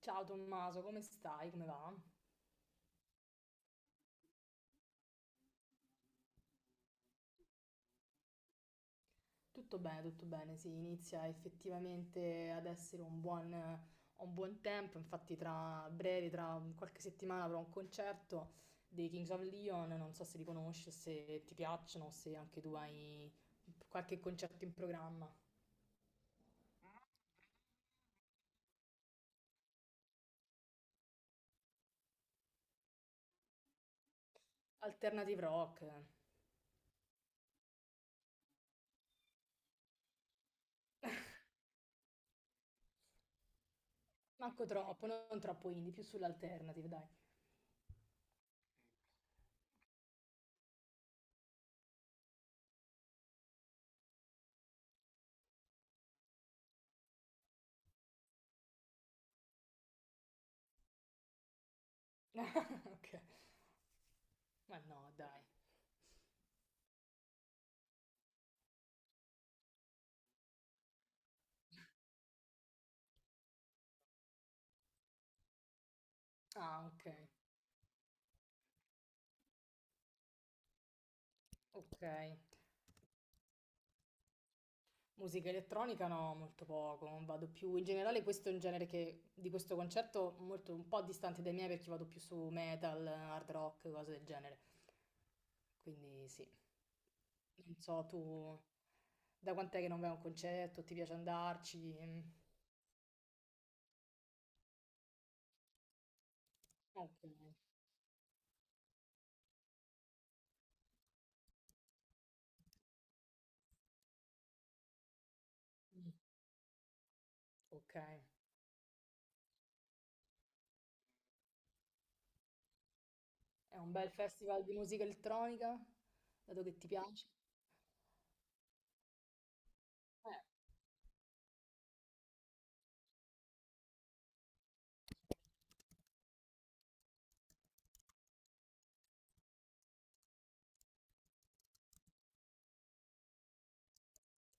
Ciao Tommaso, come stai? Come va? Tutto bene, sì, inizia effettivamente ad essere un buon tempo, infatti tra breve, tra qualche settimana avrò un concerto dei Kings of Leon, non so se li conosci, se ti piacciono, se anche tu hai qualche concerto in programma. Alternative rock, manco troppo, non troppo indie, più sull'alternative, dai. Ok, ma no, dai. Ah, ok, ok. Musica elettronica no, molto poco, vado più, in generale questo è un genere che, di questo concerto molto, un po' distante dai miei perché vado più su metal, hard rock, cose del genere. Quindi sì, non so tu da quant'è che non vai a un concerto, ti piace andarci? Mm. Ok. Mm. Ok. È un bel festival di musica elettronica, dato che ti piace? Eh,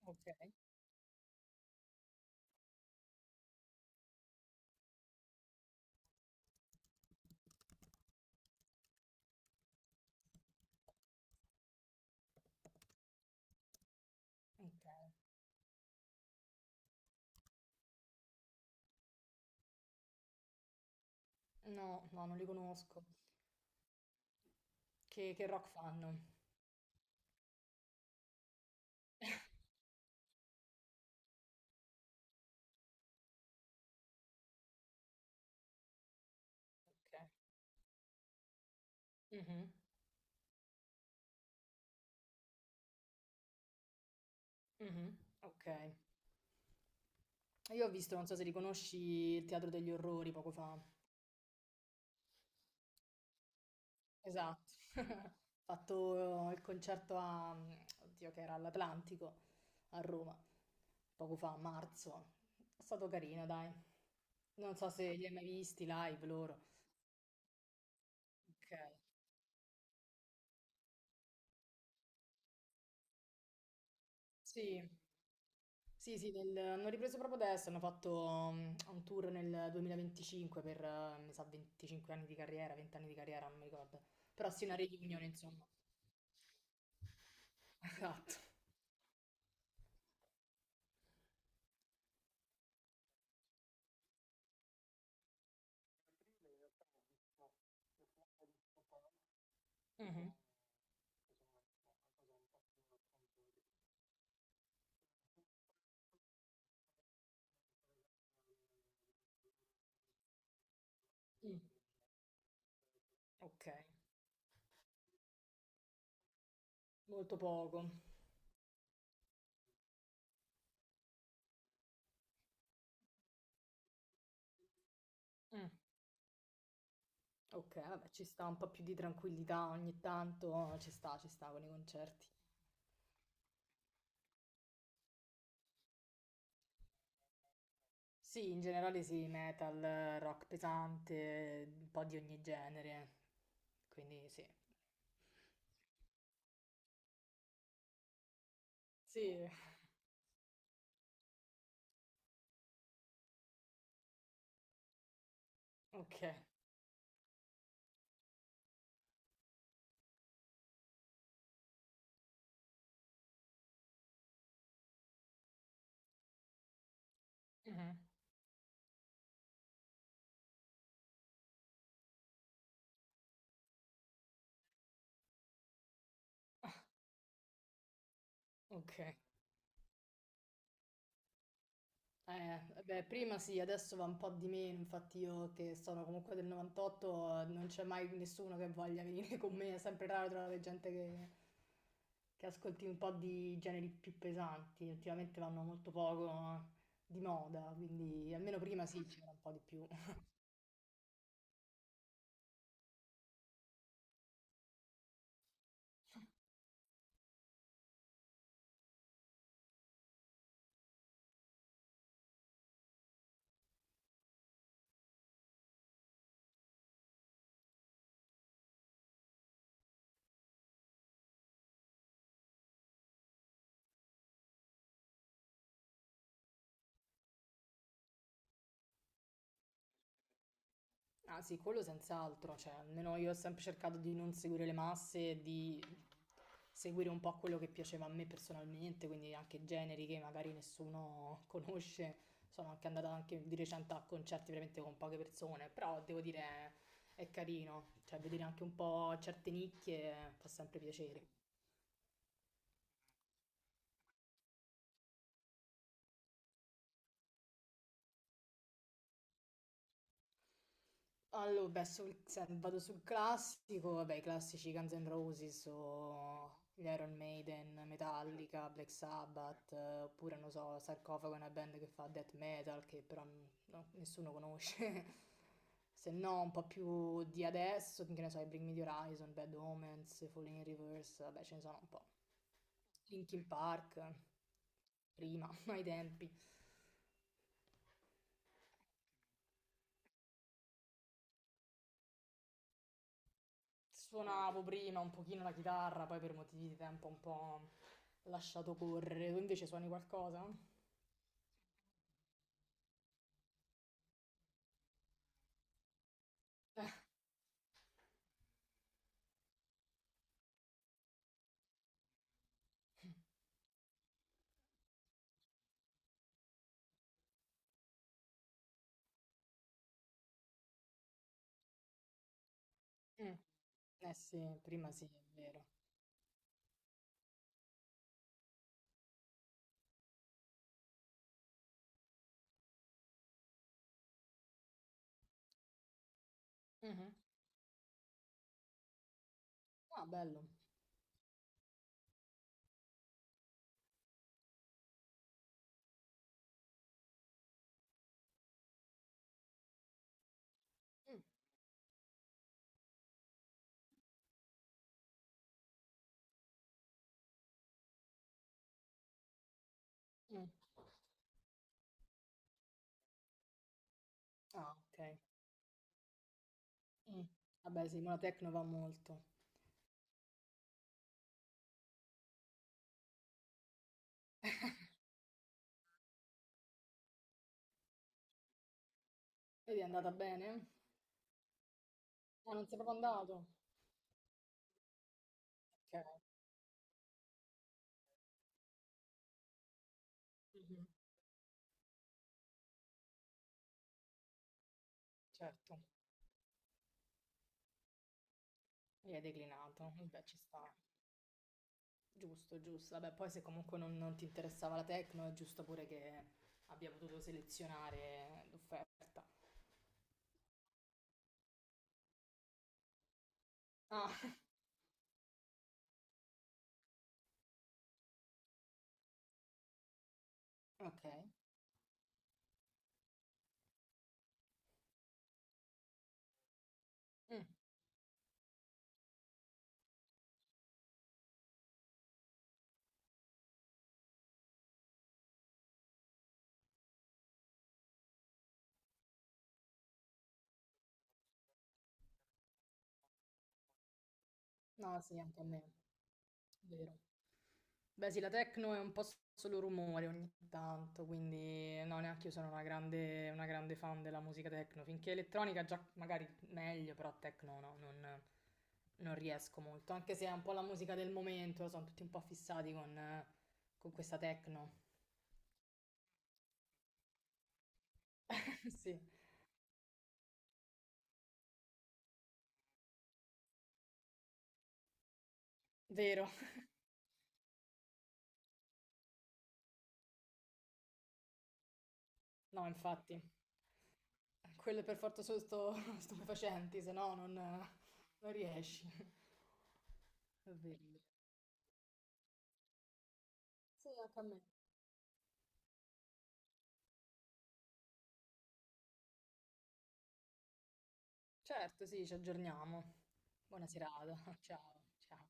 ok, ok. No, no, non li conosco. Che rock fanno? Ok. Mhm. Mh-mh. Okay. Io ho visto, non so se li conosci, il Teatro degli Orrori poco fa. Esatto. Ho fatto il concerto a oddio, che era all'Atlantico a Roma, poco fa, a marzo. È stato carino, dai. Non so se li hai mai visti live loro. Okay. Sì. Hanno ripreso proprio adesso, hanno fatto un tour nel 2025 per, mi sa, 25 anni di carriera, 20 anni di carriera, non mi ricordo. Però sì, una reunion, insomma. Esatto. Mhm. Mm. Ok, molto poco. Mm. Ok, vabbè, ci sta un po' più di tranquillità ogni tanto, ci sta con i concerti. Sì, in generale sì, metal, rock pesante, un po' di ogni genere. Quindi sì. Sì, ok, mhm, ok. Eh, Beh, prima sì, adesso va un po' di meno, infatti io che sono comunque del 98, non c'è mai nessuno che voglia venire con me, è sempre raro trovare gente che ascolti un po' di generi più pesanti, ultimamente vanno molto poco di moda, quindi almeno prima sì, c'era un po' di più. Ah sì, quello senz'altro, cioè almeno io ho sempre cercato di non seguire le masse, e di seguire un po' quello che piaceva a me personalmente, quindi anche generi che magari nessuno conosce. Sono anche andata anche di recente a concerti veramente con poche persone, però devo dire è carino, cioè vedere anche un po' certe nicchie fa sempre piacere. Allora, beh, se vado sul classico, vabbè, i classici Guns N' Roses o gli Iron Maiden, Metallica, Black Sabbath, oppure, non so, Sarcofago è una band che fa death metal, che però no, nessuno conosce. Se no, un po' più di adesso, che ne so, i Bring Me the Horizon, Bad Omens, Falling in Reverse, vabbè, ce ne sono un po'. Linkin Park, prima, ai tempi. Suonavo prima un pochino la chitarra, poi per motivi di tempo un po' lasciato correre. Tu invece suoni qualcosa? Mm. Eh sì, prima sì, è vero. Mhm. Ah, bello. Mm, mm. Ah, ok. Mm. Vabbè, sì, ma la techno va molto. Vedi, è andata bene? Ah, non sei proprio andato? Ok. Mhm. Certo. E hai declinato. Vabbè, ci sta. Giusto, giusto. Vabbè, poi se comunque non, non ti interessava la techno, è giusto pure che abbia potuto selezionare l'offerta. Ah, okay. Mh. No, sì, anche a me. Vero. Beh, sì, la techno è un po' solo rumore ogni tanto, quindi no, neanch'io sono una grande fan della musica techno. Finché elettronica già magari meglio, però techno no, non riesco molto, anche se è un po' la musica del momento, sono tutti un po' fissati con questa techno. Sì, vero. No, infatti. Quelle per forza sono stupefacenti, se no non, non riesci. È vero. Sì, anche a me. Certo, sì, ci aggiorniamo. Buona serata. Ciao, ciao.